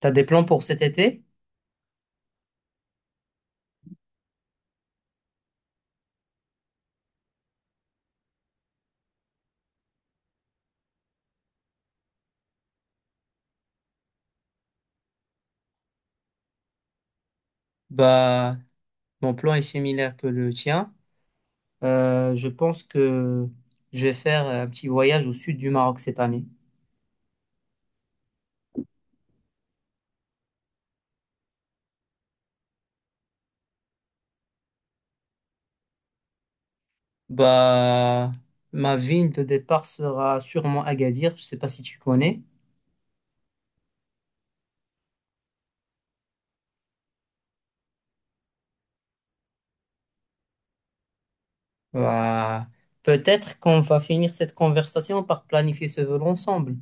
T'as des plans pour cet été? Bah, mon plan est similaire que le tien. Je pense que je vais faire un petit voyage au sud du Maroc cette année. Bah, ma ville de départ sera sûrement Agadir. Je sais pas si tu connais. Bah, peut-être qu'on va finir cette conversation par planifier ce vol ensemble.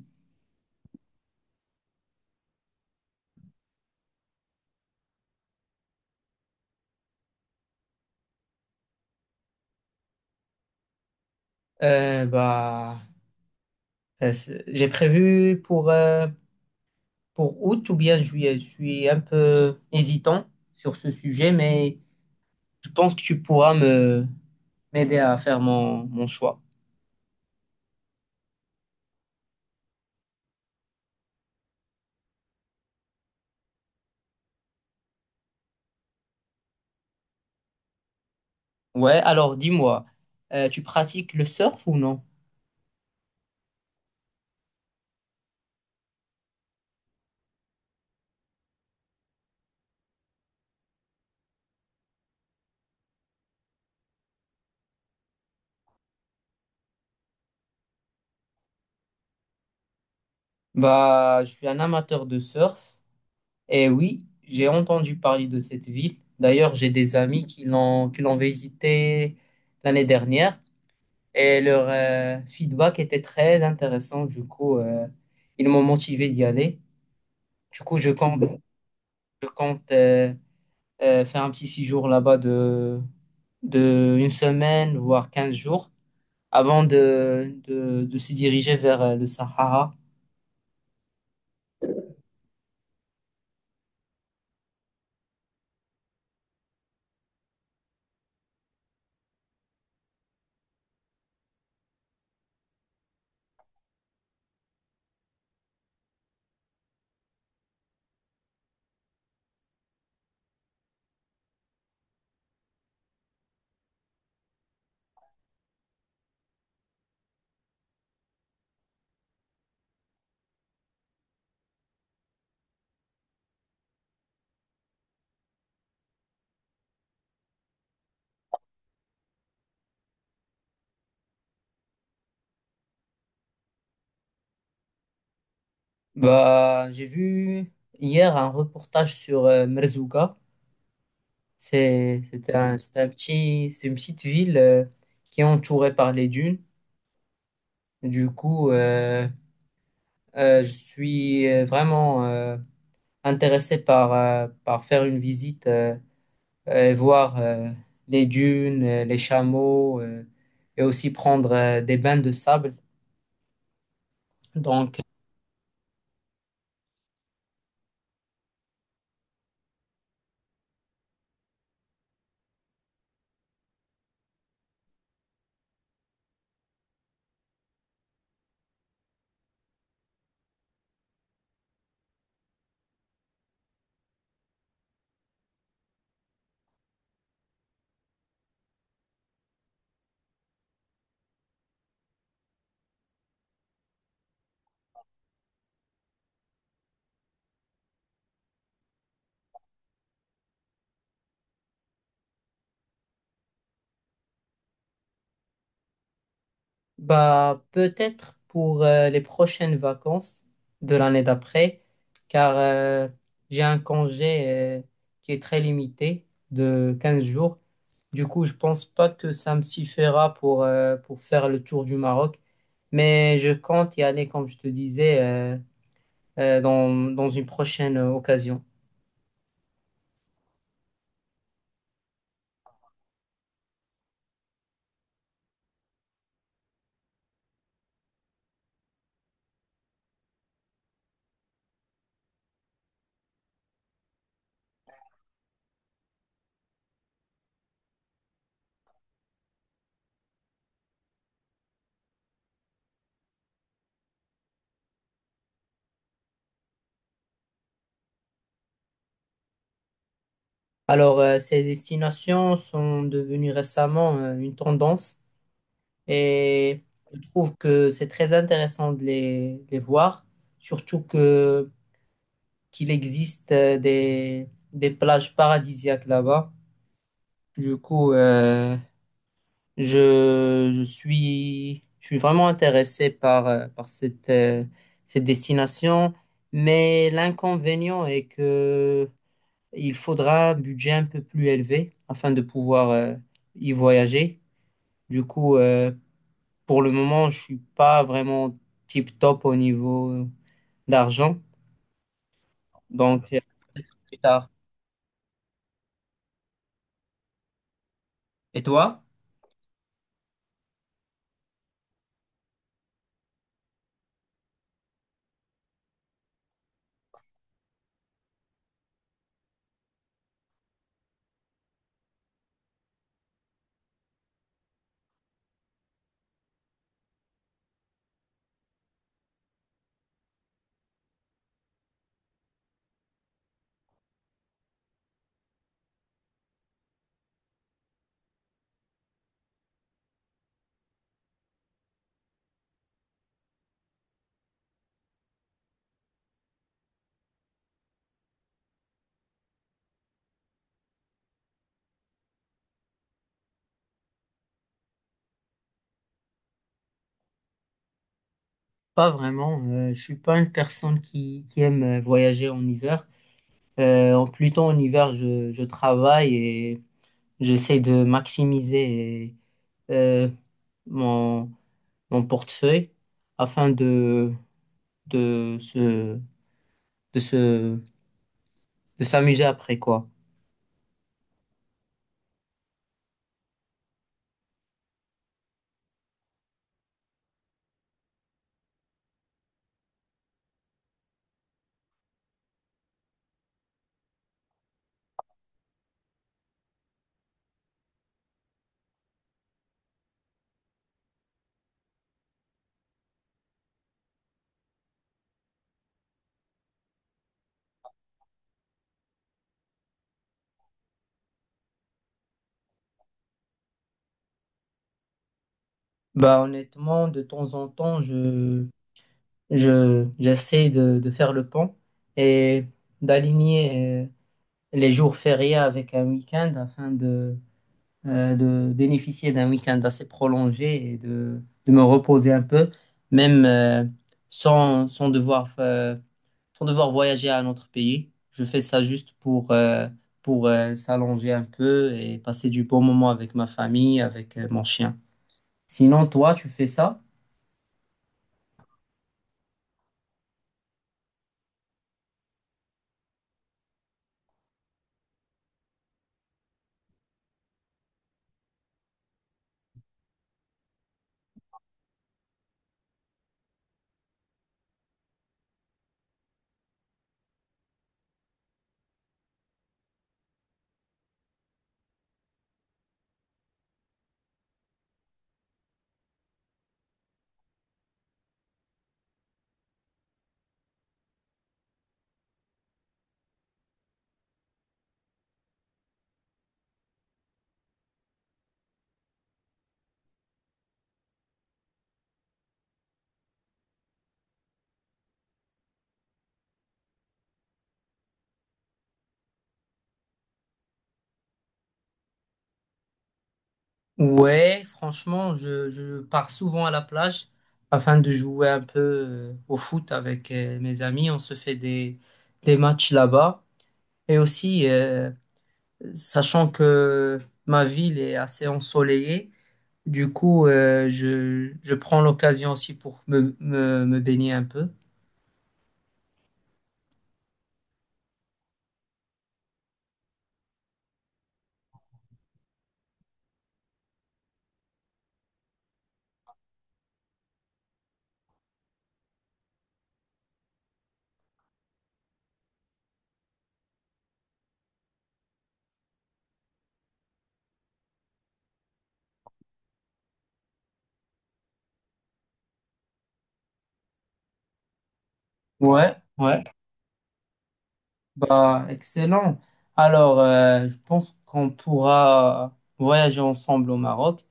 Euh, bah, j'ai prévu pour août ou bien juillet. Je suis un peu hésitant sur ce sujet, mais je pense que tu pourras me m'aider à faire mon choix. Ouais, alors dis-moi, tu pratiques le surf ou non? Bah, je suis un amateur de surf et oui, j'ai entendu parler de cette ville. D'ailleurs, j'ai des amis qui l'ont visité l'année dernière et leur feedback était très intéressant. Du coup, ils m'ont motivé d'y aller. Du coup, je compte, je compte faire un petit séjour là-bas de une semaine, voire 15 jours, avant de se diriger vers le Sahara. Bah, j'ai vu hier un reportage sur Merzouga. C'est une petite ville qui est entourée par les dunes. Du coup, euh, je suis vraiment intéressé par, par faire une visite, et voir les dunes, les chameaux, et aussi prendre des bains de sable. Donc, bah, peut-être pour les prochaines vacances de l'année d'après, car j'ai un congé euh, qui est très limité de 15 jours. Du coup, je pense pas que ça me suffira pour faire le tour du Maroc, mais je compte y aller, comme je te disais, dans une prochaine occasion. Alors, ces destinations sont devenues récemment une tendance. Et je trouve que c'est très intéressant de les voir, surtout que qu'il existe des plages paradisiaques là-bas. Du coup, je suis vraiment intéressé par, par cette destination, mais l'inconvénient est que il faudra un budget un peu plus élevé afin de pouvoir y voyager. Du coup, euh, Pour le moment, je suis pas vraiment tip top au niveau d'argent, donc peut-être plus tard. Et toi? Pas vraiment. Je suis pas une personne qui aime voyager en hiver. En Plutôt en hiver, je travaille et j'essaie de maximiser euh, mon, mon portefeuille afin de se de se de s'amuser après quoi. Bah honnêtement, de temps en temps, j'essaie de faire le pont et d'aligner les jours fériés avec un week-end afin de bénéficier d'un week-end assez prolongé et de me reposer un peu, même sans sans devoir voyager à un autre pays. Je fais ça juste pour s'allonger un peu et passer du bon moment avec ma famille, avec mon chien. Sinon, toi, tu fais ça? Ouais, franchement, je pars souvent à la plage afin de jouer un peu au foot avec mes amis. On se fait des matchs là-bas. Et aussi, sachant que ma ville est assez ensoleillée, du coup, je prends l'occasion aussi pour me baigner un peu. Ouais, ouais. Bah, excellent. Alors, je pense qu'on pourra voyager ensemble au Maroc.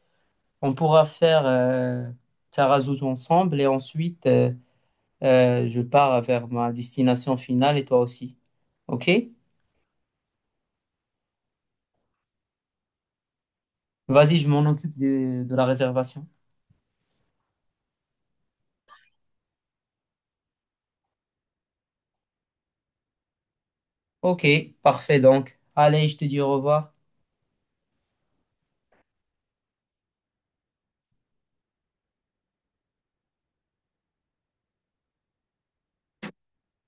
On pourra faire Tarazout ensemble et ensuite je pars vers ma destination finale et toi aussi. Ok? Vas-y, je m'en occupe de la réservation. Ok, parfait donc. Allez, je te dis au revoir.